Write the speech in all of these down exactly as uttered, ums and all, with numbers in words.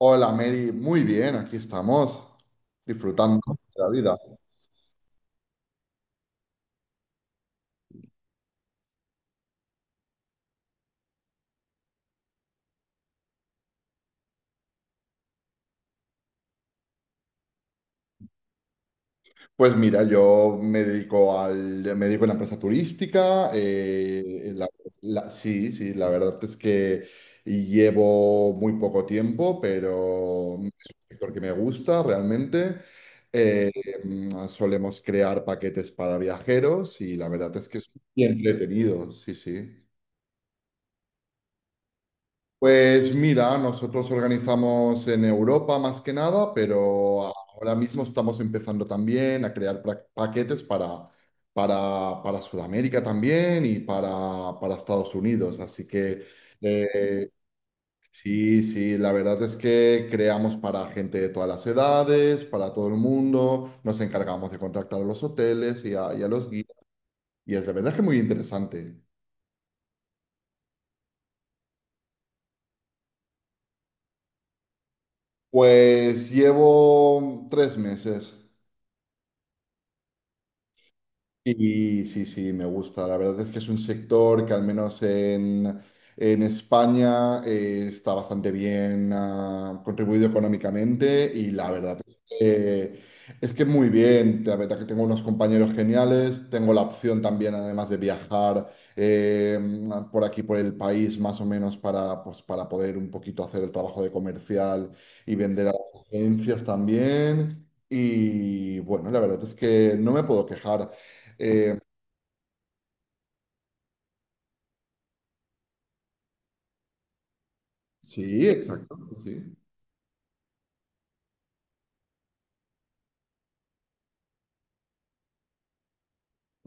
Hola Mary, muy bien, aquí estamos disfrutando de la vida. Pues mira, yo me dedico al, me dedico a una empresa turística. eh, la- la- sí, sí, la verdad es que llevo muy poco tiempo, pero es un sector que me gusta realmente. Eh, mm, Solemos crear paquetes para viajeros y la verdad es que es muy entretenido, sí, sí. Pues mira, nosotros organizamos en Europa más que nada, pero ahora mismo estamos empezando también a crear pra- paquetes para, para, para Sudamérica también y para, para Estados Unidos. Así que eh, sí, sí, la verdad es que creamos para gente de todas las edades, para todo el mundo, nos encargamos de contactar a los hoteles y a, y a los guías. Y es de verdad que muy interesante. Pues llevo tres meses. Y sí, sí, me gusta. La verdad es que es un sector que al menos en, en España eh, está bastante bien ah, contribuido económicamente y la verdad es que, es que muy bien. La verdad que tengo unos compañeros geniales. Tengo la opción también, además de viajar eh, por aquí, por el país, más o menos para, pues, para poder un poquito hacer el trabajo de comercial y vender a las agencias también. Y bueno, la verdad es que no me puedo quejar. Eh, sí, exacto, sí, sí.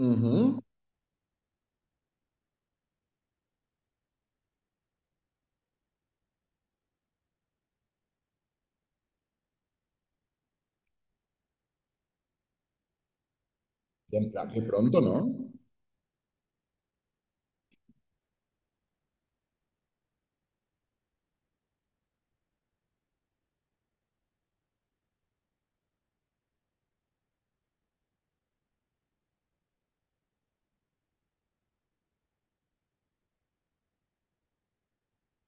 Ujú. Y en plan, qué pronto, ¿no?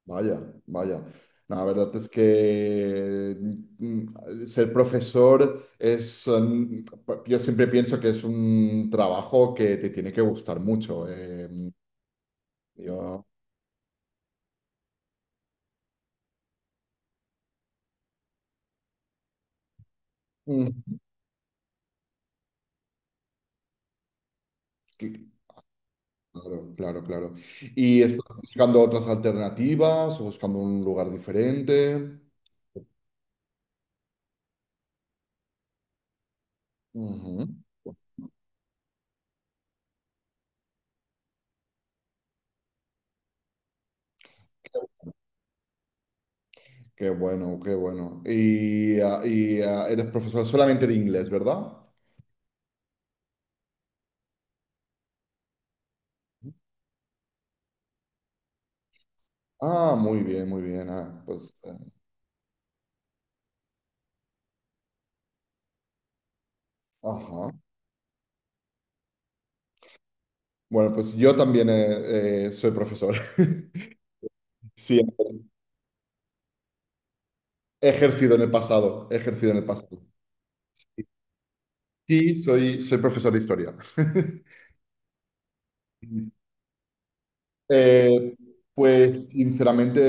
Vaya, vaya. No, la verdad es que mm, ser profesor es, mm, yo siempre pienso que es un trabajo que te tiene que gustar mucho. eh, yo, mm, que- claro, claro, claro. ¿Y estás buscando otras alternativas o buscando un lugar diferente? Qué bueno, qué bueno. Y, ah, y, ah, ¿eres profesor solamente de inglés, verdad? Ah, muy bien, muy bien. Ah, pues, eh, ajá. Bueno, pues yo también eh, eh, soy profesor. Sí, he ejercido en el pasado, he ejercido en el pasado. Sí, soy, soy profesor de historia. Eh, pues sinceramente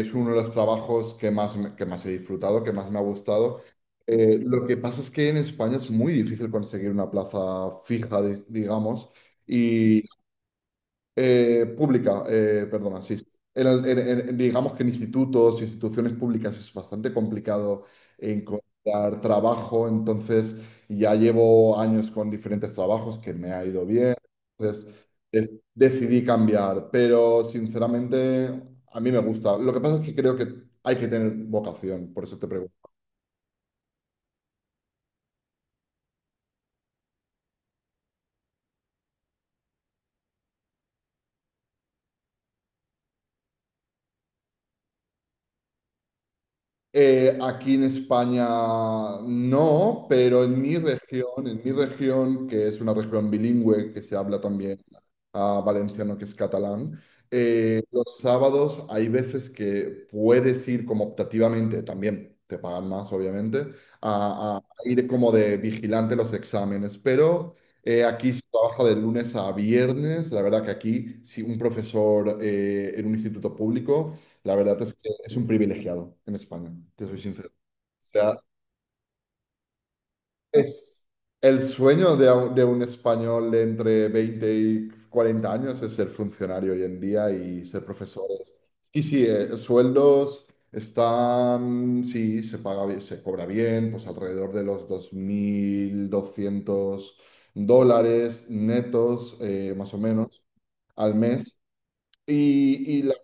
eh, es uno de los trabajos que más, me- que más he disfrutado, que más me ha gustado. Eh, lo que pasa es que en España es muy difícil conseguir una plaza fija, di- digamos, eh, pública, eh, perdona, sí. Sí. En el- en- en- en- digamos que en institutos, instituciones públicas es bastante complicado encontrar trabajo, entonces ya llevo años con diferentes trabajos que me ha ido bien, entonces de- decidí cambiar, pero sinceramente a mí me gusta. Lo que pasa es que creo que hay que tener vocación, por eso te pregunto. Eh, aquí en España no, pero en mi región, en mi región, que es una región bilingüe, que se habla también ah, valenciano, que es catalán, eh, los sábados hay veces que puedes ir como optativamente, también te pagan más, obviamente, a, a ir como de vigilante los exámenes, pero eh, aquí se trabaja de lunes a viernes, la verdad que aquí, si un profesor eh, en un instituto público la verdad es que es un privilegiado en España, te soy sincero. O sea, es el sueño de, un- de un español de entre veinte y cuarenta años es ser funcionario hoy en día y ser profesores. Y sí, eh, sueldos están, sí, se paga bien, se cobra bien, pues alrededor de los dos mil doscientos dólares netos, eh, más o menos, al mes. Y, y la,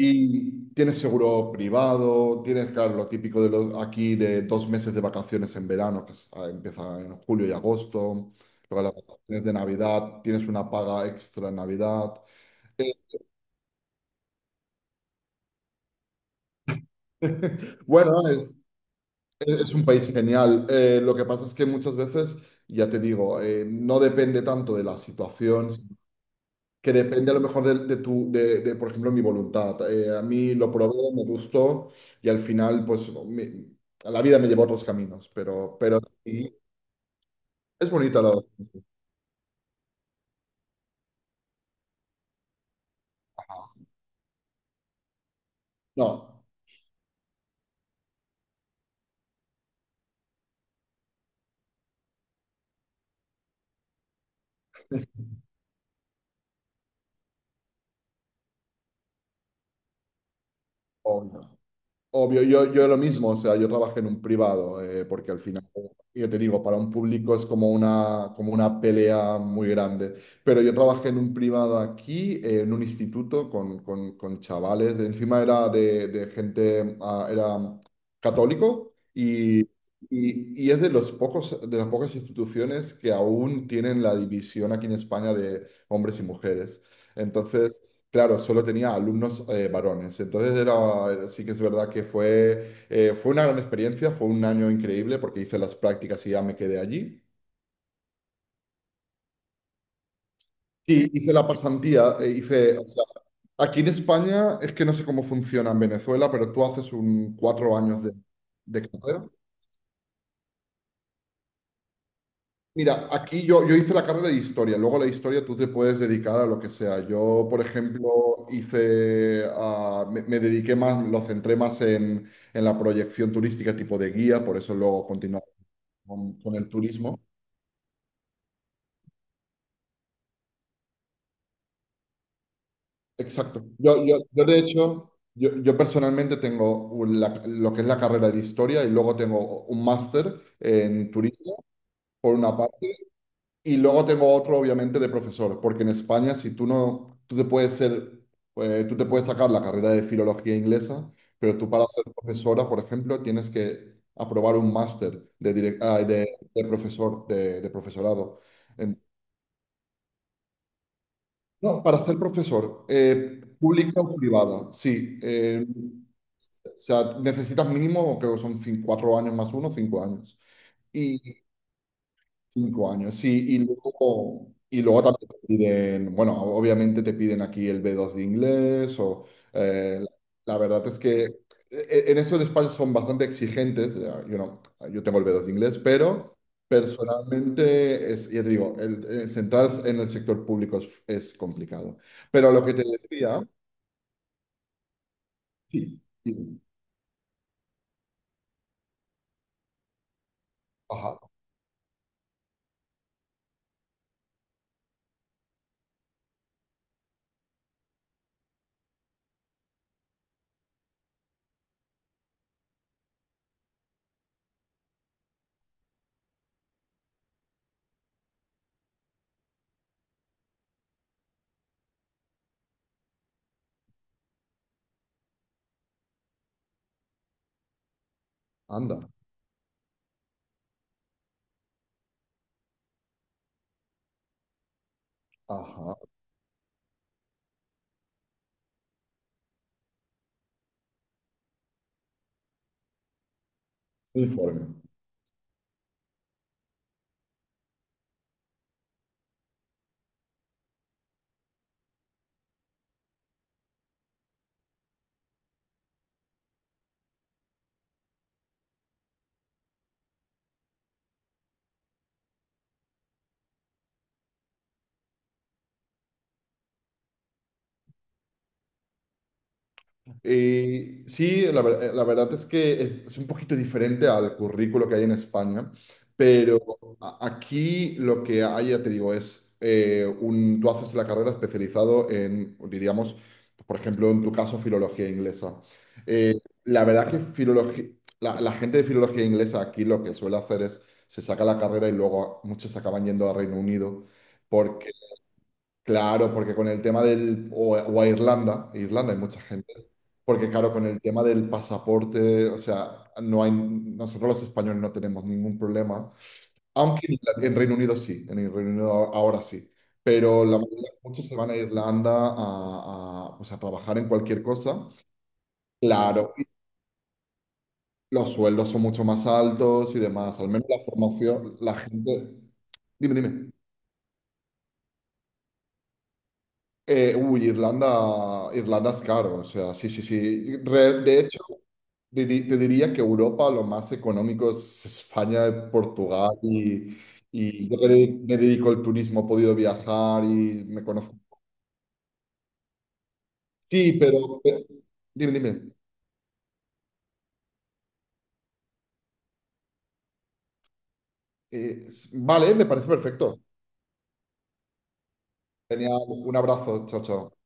Y tienes seguro privado, tienes, claro, lo típico de los, aquí de dos meses de vacaciones en verano, que es- ah, empieza en julio y agosto. Luego las vacaciones de Navidad, tienes una paga extra en Navidad. Eh, Bueno, es, es un país genial. Eh, lo que pasa es que muchas veces, ya te digo, eh, no depende tanto de la situación. Que depende a lo mejor de, de tu, de, de, por ejemplo, mi voluntad. Eh, a mí lo probé, me gustó y al final, pues, mi- la vida me llevó a otros caminos, pero, pero sí, es bonito lo. No, obvio. Obvio, yo, yo lo mismo, o sea, yo trabajé en un privado, eh, porque al final, yo te digo, para un público es como una, como una pelea muy grande, pero yo trabajé en un privado aquí, eh, en un instituto con, con, con chavales, encima era de, de gente, ah, era católico y, y, y es de los pocos, de las pocas instituciones que aún tienen la división aquí en España de hombres y mujeres. Entonces. Claro, solo tenía alumnos eh, varones. Entonces era, sí que es verdad que fue, eh, fue una gran experiencia, fue un año increíble porque hice las prácticas y ya me quedé allí. Y hice la pasantía, eh, hice, o sea, aquí en España es que no sé cómo funciona en Venezuela, pero tú haces un cuatro años de, de carrera. Mira, aquí yo, yo hice la carrera de historia, luego la historia tú te puedes dedicar a lo que sea. Yo, por ejemplo, hice, ah, me, me dediqué más, lo centré más en, en la proyección turística tipo de guía, por eso luego continué con, con el turismo. Exacto. Yo, yo, yo, de hecho, yo, yo personalmente tengo un- la- lo que es la carrera de historia y luego tengo un máster en turismo, por una parte. Y luego tengo otro, obviamente, de profesor, porque en España, si tú no, tú te puedes ser, eh, tú te puedes sacar la carrera de filología inglesa, pero tú para ser profesora, por ejemplo, tienes que aprobar un máster de, direc- ah, de, de profesor, de, de profesorado. En- no, para ser profesor, eh, pública o privada, sí. Eh, o sea, necesitas mínimo, creo que son cin- cuatro años más uno, cinco años. Cinco años, sí, y luego, y luego también te piden, bueno, obviamente te piden aquí el B dos de inglés o eh, la verdad es que e- e- en esos despachos son bastante exigentes, eh, yo no, yo tengo el B dos de inglés, pero personalmente, es, ya te digo, el, el centrar en el sector público es, es complicado. Pero lo que te decía, sí, sí, ajá, anda, ajá, informe. Eh, sí, la, ver- eh, la verdad es que es, es un poquito diferente al currículo que hay en España, pero a- aquí lo que hay, ya te digo, es eh, un, tú haces la carrera especializado en, diríamos, por ejemplo, en tu caso, filología inglesa. Eh, la verdad que filología, la, la gente de filología inglesa aquí lo que suele hacer es, se saca la carrera y luego muchos acaban yendo a Reino Unido. Claro, porque con el tema del, o, o a Irlanda, Irlanda hay mucha gente, porque claro, con el tema del pasaporte, o sea, no hay, nosotros los españoles no tenemos ningún problema, aunque en, Irla- en Reino Unido sí, en el Reino Unido ahora, ahora sí, pero la mayoría, muchos se van a Irlanda a, a, pues, a trabajar en cualquier cosa, claro, y los sueldos son mucho más altos y demás, al menos la formación, la gente, dime, dime. Eh, uy, Irlanda, Irlanda es caro, o sea, sí, sí, sí. Re- de hecho, di- te diría que Europa lo más económico es España, Portugal y, y yo que de- me dedico al turismo, he podido viajar y me conozco. Sí, pero, pe- dime, dime. Eh, vale, me parece perfecto. Tenía un abrazo, chao, chao.